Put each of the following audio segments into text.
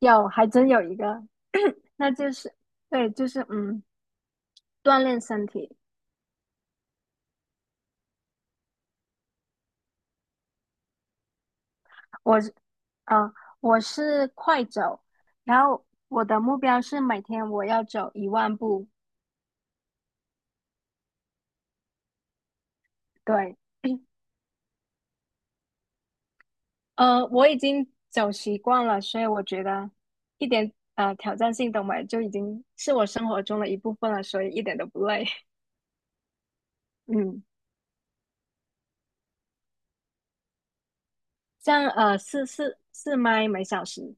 有，还真有一个，那就是对，就是锻炼身体。我是啊呃，我是快走，然后我的目标是每天我要走10000步。对，我已经走习惯了，所以我觉得一点挑战性都没有，就已经是我生活中的一部分了，所以一点都不累。嗯，这样四迈每小时。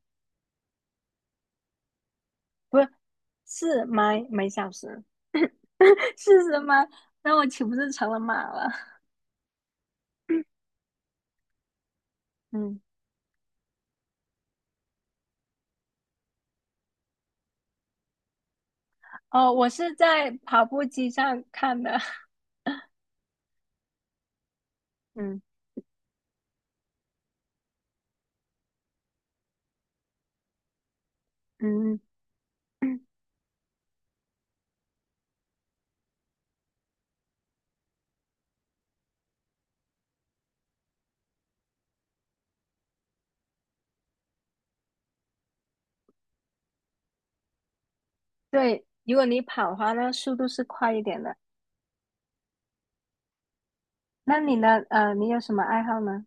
不是是每小时 是什么？那我岂不是成了马了？嗯，哦，我是在跑步机上看的。嗯嗯，对，如果你跑的话，那速度是快一点的。那你呢？你有什么爱好呢？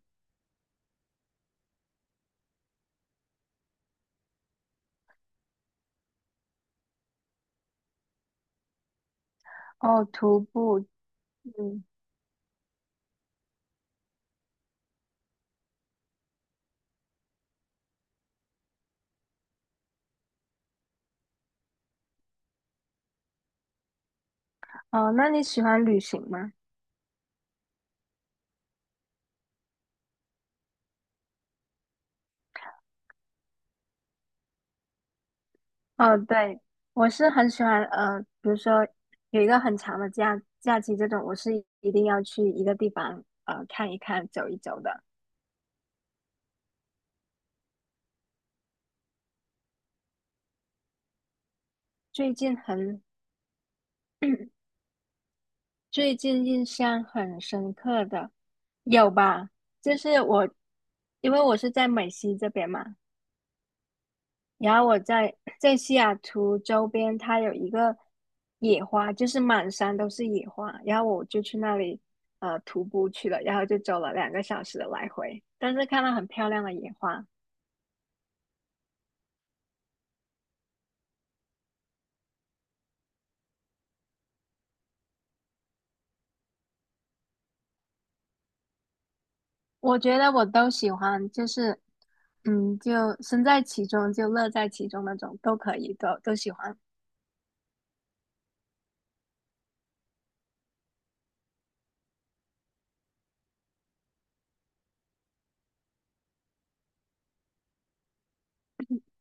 哦，徒步。嗯，哦，那你喜欢旅行吗？哦，对，我是很喜欢。呃，比如说有一个很长的假期，这种我是一定要去一个地方看一看、走一走的。最近很，最近印象很深刻的，有吧？就是我，因为我是在美西这边嘛，然后我在西雅图周边，它有一个野花，就是满山都是野花，然后我就去那里徒步去了，然后就走了2个小时的来回，但是看到很漂亮的野花，我觉得我都喜欢，就是就身在其中，就乐在其中那种，都可以，都喜欢，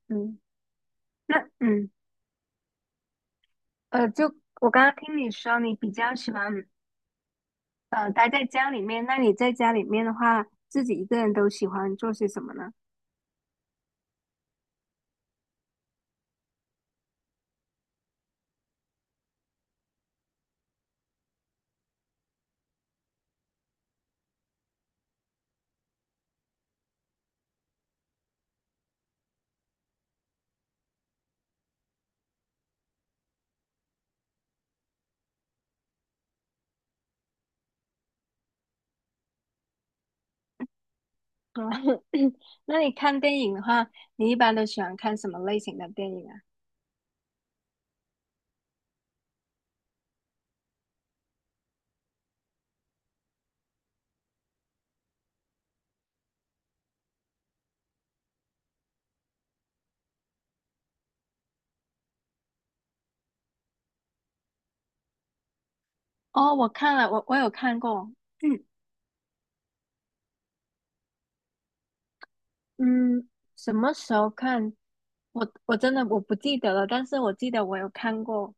嗯，那嗯。就我刚刚听你说，你比较喜欢待在家里面，那你在家里面的话，自己一个人都喜欢做些什么呢？嗯 那你看电影的话，你一般都喜欢看什么类型的电影啊？哦，我看了，我有看过，嗯嗯，什么时候看？我真的我不记得了，但是我记得我有看过，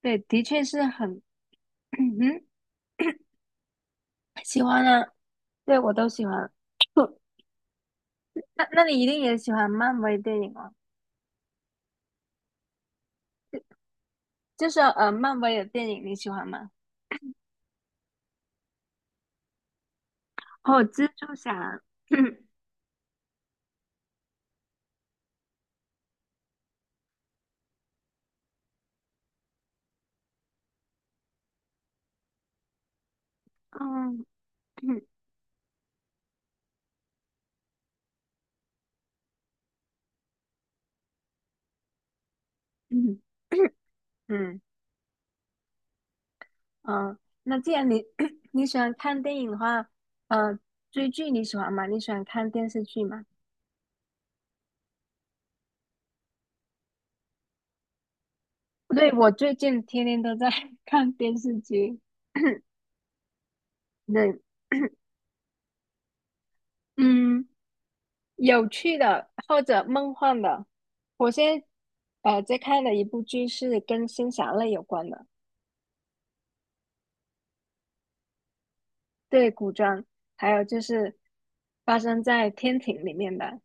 对，的确是很，嗯，喜欢啊，对，我都喜欢。那那你一定也喜欢漫威电影啊？就是漫威的电影你喜欢吗？哦，蜘蛛侠，嗯嗯嗯，嗯嗯嗯，那既然你 你喜欢看电影的话，呃，追剧你喜欢吗？你喜欢看电视剧吗？对，我最近天天都在 看电视剧，对，嗯，有趣的或者梦幻的。我现在在看的一部剧是跟仙侠类有关的。对，古装，还有就是发生在天庭里面的，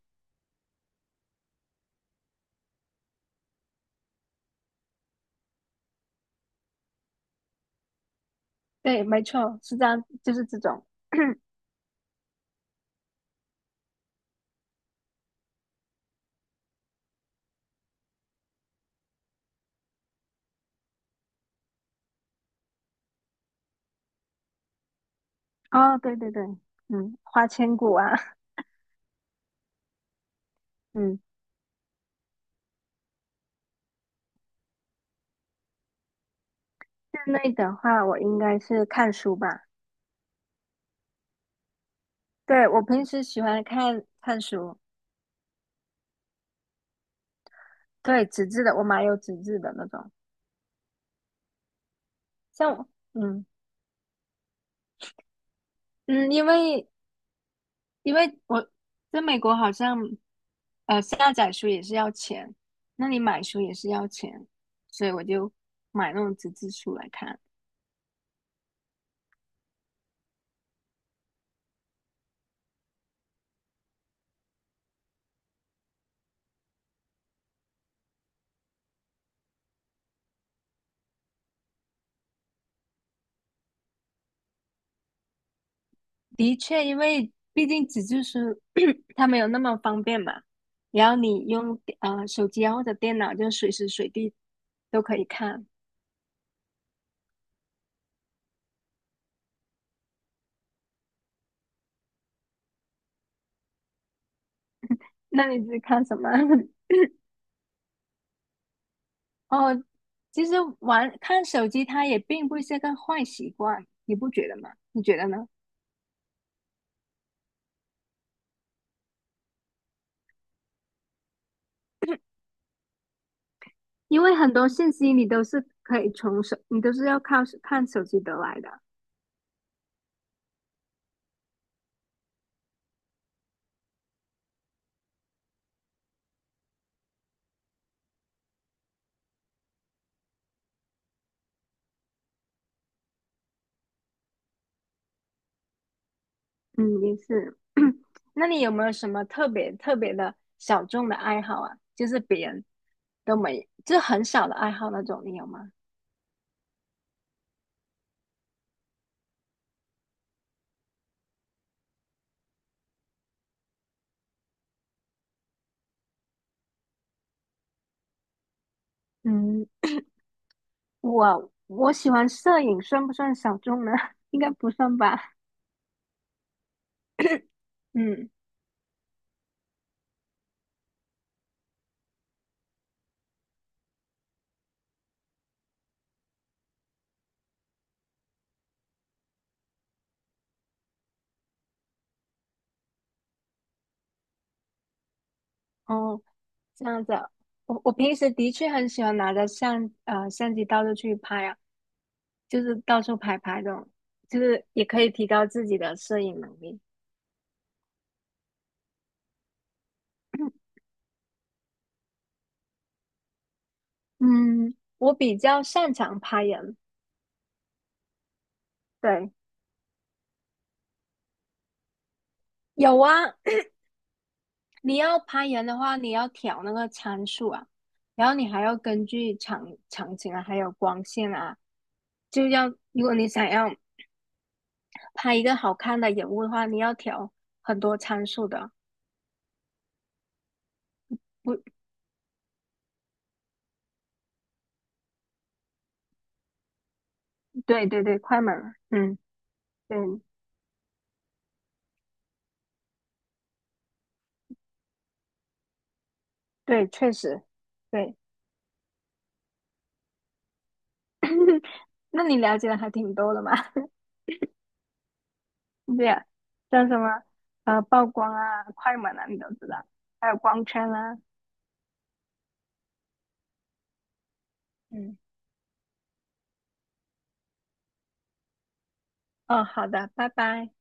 对，没错，是这样，就是这种。哦，对对对，嗯，花千骨啊，嗯，室内的话，我应该是看书吧。对，我平时喜欢看看书，对，纸质的，我买有纸质的那种。像我，嗯嗯，因为因为我在美国好像下载书也是要钱，那你买书也是要钱，所以我就买那种纸质书来看。的确，因为毕竟纸质书 它没有那么方便嘛，然后你用手机啊或者电脑，就随时随地都可以看。那你是看什么？哦，其实玩看手机它也并不是个坏习惯，你不觉得吗？你觉得呢？因为很多信息你都是可以从手，你都是要靠手看手机得来的。嗯，也是。那你有没有什么特别特别的小众的爱好啊？就是别人。都没，就很小的爱好那种，你有吗？嗯，我喜欢摄影，算不算小众呢？应该不算吧。嗯，哦，这样子啊，我平时的确很喜欢拿着相机到处去拍啊，就是到处拍拍这种，就是也可以提高自己的摄影能力。嗯，我比较擅长拍人，对，有啊，你要拍人的话，你要调那个参数啊，然后你还要根据场景啊，还有光线啊，就要如果你想要拍一个好看的人物的话，你要调很多参数的。不，对对对，快门了，嗯，对对，确实，对。那你了解的还挺多的嘛？对啊，像什么曝光啊、快门啊，你都知道，还有光圈啊。嗯，哦，好的，拜拜。